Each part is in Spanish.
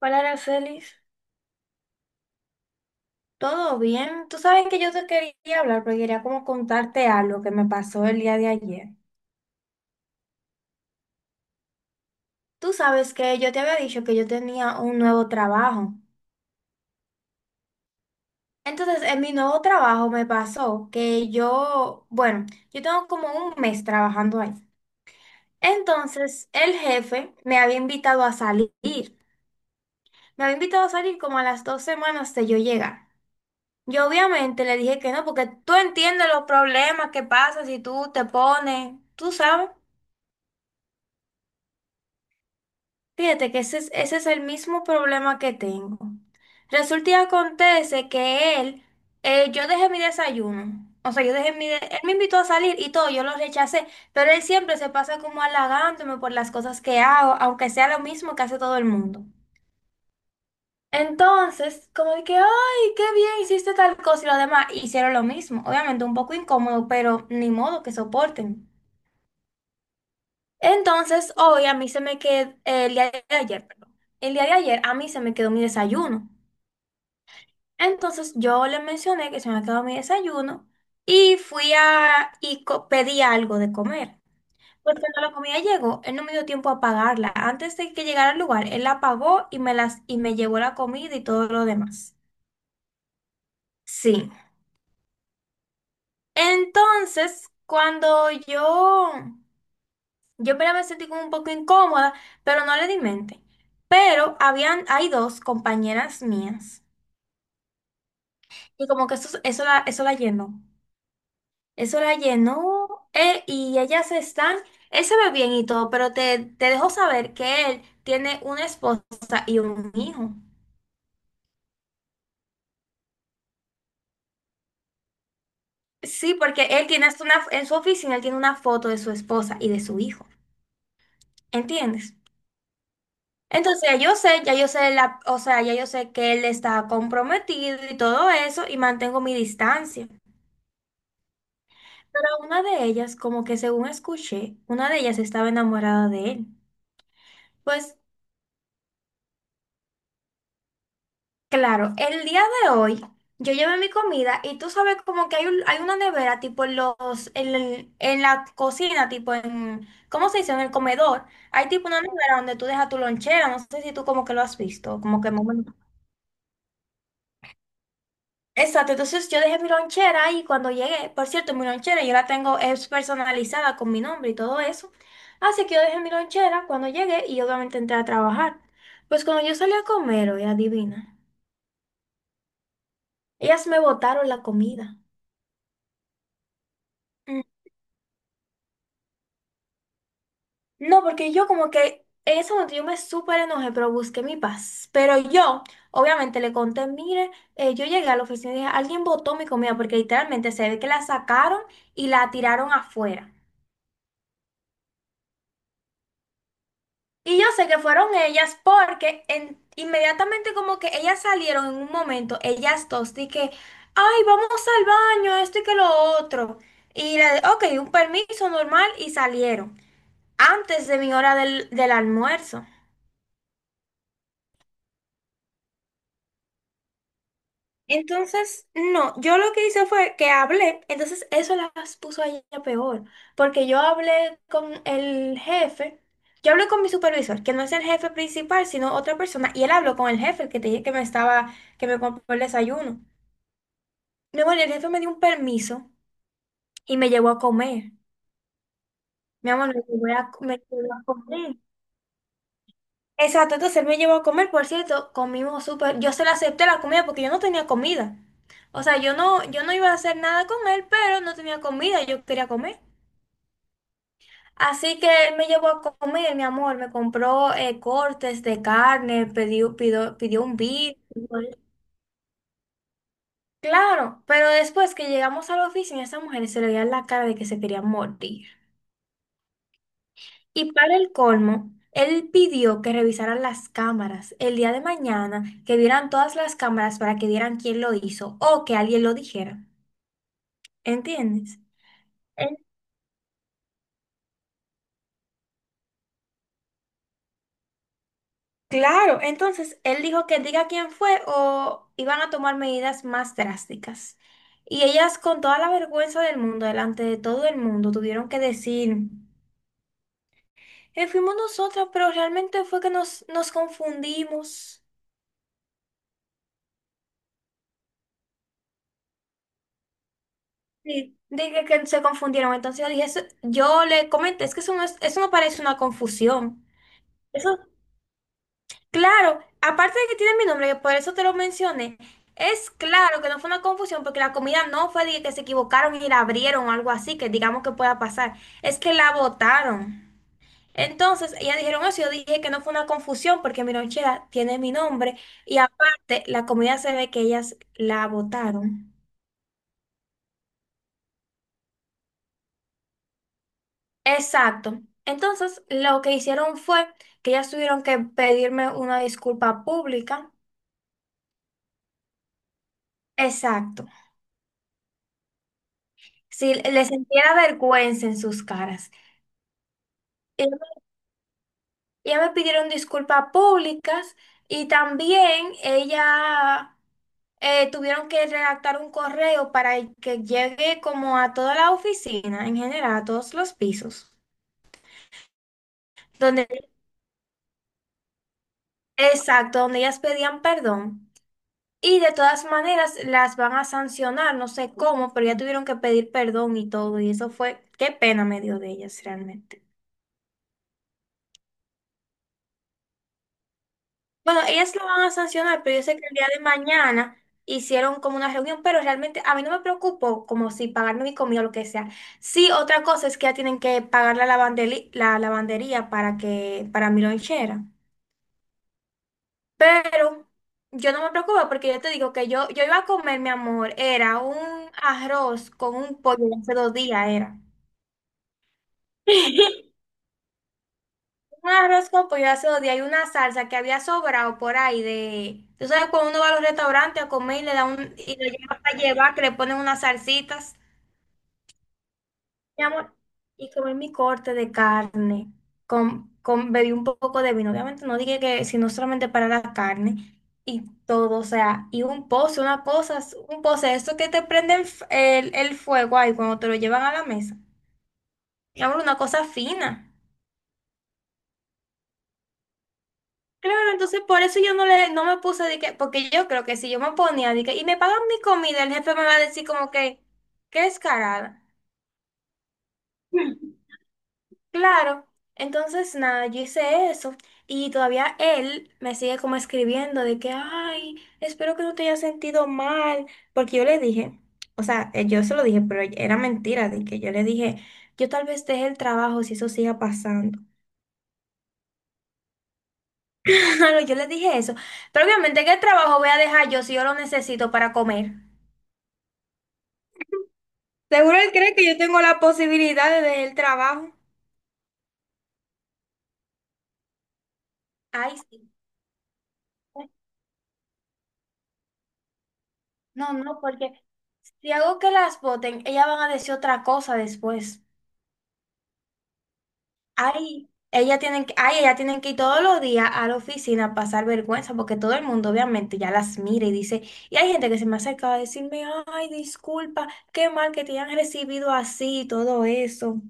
Hola, Aracelis. ¿Todo bien? Tú sabes que yo te quería hablar, pero quería como contarte algo que me pasó el día de ayer. Tú sabes que yo te había dicho que yo tenía un nuevo trabajo. Entonces, en mi nuevo trabajo me pasó que yo, bueno, yo tengo como un mes trabajando ahí. Entonces, el jefe me había invitado a salir. Me había invitado a salir como a las dos semanas de yo llegar. Yo obviamente le dije que no, porque tú entiendes los problemas que pasan si tú te pones, tú sabes. Fíjate que ese es el mismo problema que tengo. Resulta y acontece que él, yo dejé mi desayuno. O sea, yo dejé él me invitó a salir y todo, yo lo rechacé, pero él siempre se pasa como halagándome por las cosas que hago, aunque sea lo mismo que hace todo el mundo. Entonces, como de que, ay, qué bien hiciste tal cosa y lo demás, hicieron lo mismo. Obviamente un poco incómodo, pero ni modo que soporten. Entonces, hoy a mí se me quedó, el día de ayer, perdón, el día de ayer a mí se me quedó mi desayuno. Entonces, yo le mencioné que se me quedó mi desayuno y fui pedí algo de comer. Pues cuando la comida llegó, él no me dio tiempo a pagarla. Antes de que llegara al lugar, él la pagó y me llevó la comida y todo lo demás. Sí. Entonces, cuando yo Yo primero me sentí como un poco incómoda, pero no le di mente. Hay dos compañeras mías. Y como que eso la llenó. Eso la llenó. Y ellas están, él se ve bien y todo, pero te dejo saber que él tiene una esposa y un hijo. Sí, porque él tiene hasta una, en su oficina, él tiene una foto de su esposa y de su hijo. ¿Entiendes? Entonces ya yo sé la, o sea, ya yo sé que él está comprometido y todo eso y mantengo mi distancia. Pero una de ellas, como que según escuché, una de ellas estaba enamorada de él. Pues claro, el día de hoy yo llevé mi comida y tú sabes como que hay una nevera tipo en los, en la cocina, tipo en, ¿cómo se dice? En el comedor. Hay tipo una nevera donde tú dejas tu lonchera, no sé si tú como que lo has visto, como que más o menos. Exacto, entonces yo dejé mi lonchera ahí cuando llegué, por cierto, mi lonchera yo la tengo es personalizada con mi nombre y todo eso. Así que yo dejé mi lonchera cuando llegué y obviamente entré a trabajar. Pues cuando yo salí a comer, oye, adivina, ellas me botaron la comida. Mm, No, porque yo como que en ese momento yo me súper enojé, pero busqué mi paz. Pero yo, obviamente, le conté, mire, yo llegué a la oficina y dije, alguien botó mi comida porque literalmente se ve que la sacaron y la tiraron afuera. Y yo sé que fueron ellas porque inmediatamente como que ellas salieron en un momento, ellas dos, de que, ay, vamos al baño, esto y que lo otro. Y le ok, un permiso normal y salieron antes de mi hora del almuerzo. Entonces, no, yo lo que hice fue que hablé, entonces eso las puso a ella peor, porque yo hablé con el jefe, yo hablé con mi supervisor, que no es el jefe principal, sino otra persona, y él habló con el jefe, el que te dije que me compró el desayuno. Mi amor, y el jefe me dio un permiso y me llevó a comer. Mi amor, me llevó a comer. Exacto, entonces él me llevó a comer, por cierto, comimos súper, yo se le acepté la comida porque yo no tenía comida. O sea, yo no iba a hacer nada con él, pero no tenía comida, yo quería comer. Así que él me llevó a comer, mi amor, me compró cortes de carne, pidió un beef. Claro, pero después que llegamos a la oficina, esa mujer se le veía la cara de que se quería morir. Y para el colmo, él pidió que revisaran las cámaras el día de mañana, que vieran todas las cámaras para que vieran quién lo hizo o que alguien lo dijera. ¿Entiendes? En- Claro, entonces él dijo que diga quién fue o iban a tomar medidas más drásticas. Y ellas con toda la vergüenza del mundo, delante de todo el mundo, tuvieron que decir, fuimos nosotras, pero realmente fue que nos confundimos." Sí, dije que se confundieron. Entonces yo dije, yo le comenté, es que eso no parece una confusión." Eso, claro, aparte de que tiene mi nombre, que por eso te lo mencioné, es claro que no fue una confusión porque la comida no fue de que se equivocaron y la abrieron o algo así, que digamos que pueda pasar. Es que la botaron. Entonces, ellas dijeron eso, yo dije que no fue una confusión porque mi lonchera tiene mi nombre y aparte la comida se ve que ellas la botaron. Exacto. Entonces, lo que hicieron fue que ellas tuvieron que pedirme una disculpa pública. Exacto. Si les sentía vergüenza en sus caras. Ellas ellas me pidieron disculpas públicas y también ella tuvieron que redactar un correo para que llegue como a toda la oficina, en general, a todos los pisos. Donde, exacto, donde ellas pedían perdón. Y de todas maneras las van a sancionar, no sé cómo, pero ya tuvieron que pedir perdón y todo, y eso fue, qué pena me dio de ellas realmente. Bueno, ellas lo van a sancionar, pero yo sé que el día de mañana hicieron como una reunión, pero realmente a mí no me preocupo como si pagarme mi comida o lo que sea. Sí, otra cosa es que ya tienen que pagar la la lavandería para mi lonchera. Pero yo no me preocupo porque yo te digo que yo iba a comer, mi amor, era un arroz con un pollo de hace dos días, era. Un arroz con pollo hace dos días hay una salsa que había sobrado por ahí de... Tú sabes, cuando uno va a los restaurantes a comer y le da un... y lo lleva para llevar, que le ponen unas salsitas. Mi amor, y comí mi corte de carne. Bebí un poco de vino. Obviamente no dije que, sino solamente para la carne. Y todo, o sea, y un pozo, una cosa, un pozo, eso que te prenden el fuego ahí cuando te lo llevan a la mesa. Mi amor, una cosa fina. Claro, entonces por eso yo no me puse de que, porque yo creo que si yo me ponía de que, y me pagan mi comida, el jefe me va a decir como que, qué descarada. Claro, entonces nada, yo hice eso y todavía él me sigue como escribiendo de que, ay, espero que no te hayas sentido mal, porque yo le dije, o sea, yo se lo dije, pero era mentira de que yo le dije, yo tal vez deje el trabajo si eso siga pasando. Claro, yo le dije eso, pero obviamente, ¿qué trabajo voy a dejar yo si yo lo necesito para comer? Seguro él cree que yo tengo la posibilidad de dejar el trabajo. Ay, sí. No, no, porque si hago que las voten, ellas van a decir otra cosa después. Ay, ellas tienen que ir todos los días a la oficina a pasar vergüenza, porque todo el mundo obviamente ya las mira y dice, y hay gente que se me acerca a decirme, ay, disculpa, qué mal que te hayan recibido así y todo eso.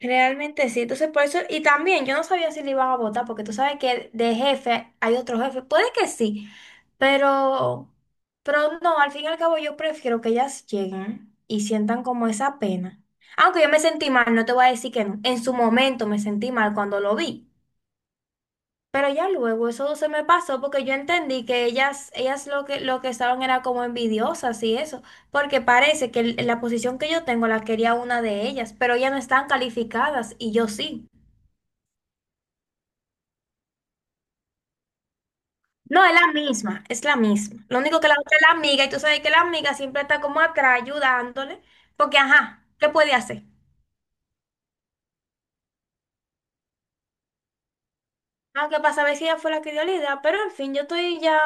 Realmente sí, entonces por eso, y también yo no sabía si le iban a votar, porque tú sabes que de jefe hay otro jefe, puede que sí, pero, pero no, al fin y al cabo yo prefiero que ellas lleguen y sientan como esa pena. Aunque yo me sentí mal, no te voy a decir que no, en su momento me sentí mal cuando lo vi, pero ya luego eso se me pasó porque yo entendí que ellas lo que estaban era como envidiosas y eso, porque parece que la posición que yo tengo la quería una de ellas, pero ellas no están calificadas y yo sí. No, es la misma, es la misma. Lo único que la otra es la amiga, y tú sabes que la amiga siempre está como atrás ayudándole, porque ajá, ¿qué puede hacer? Aunque para saber si ella fue la que dio la idea, pero en fin, yo estoy ya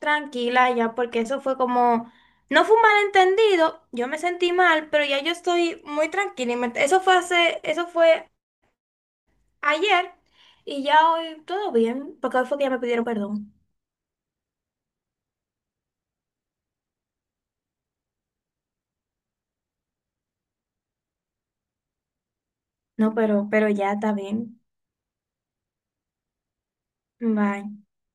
tranquila ya, porque eso fue como, no fue un malentendido, yo me sentí mal, pero ya yo estoy muy tranquila. Eso fue hace, eso fue ayer, y ya hoy todo bien, porque hoy fue que ya me pidieron perdón. No, pero ya está bien. Bye.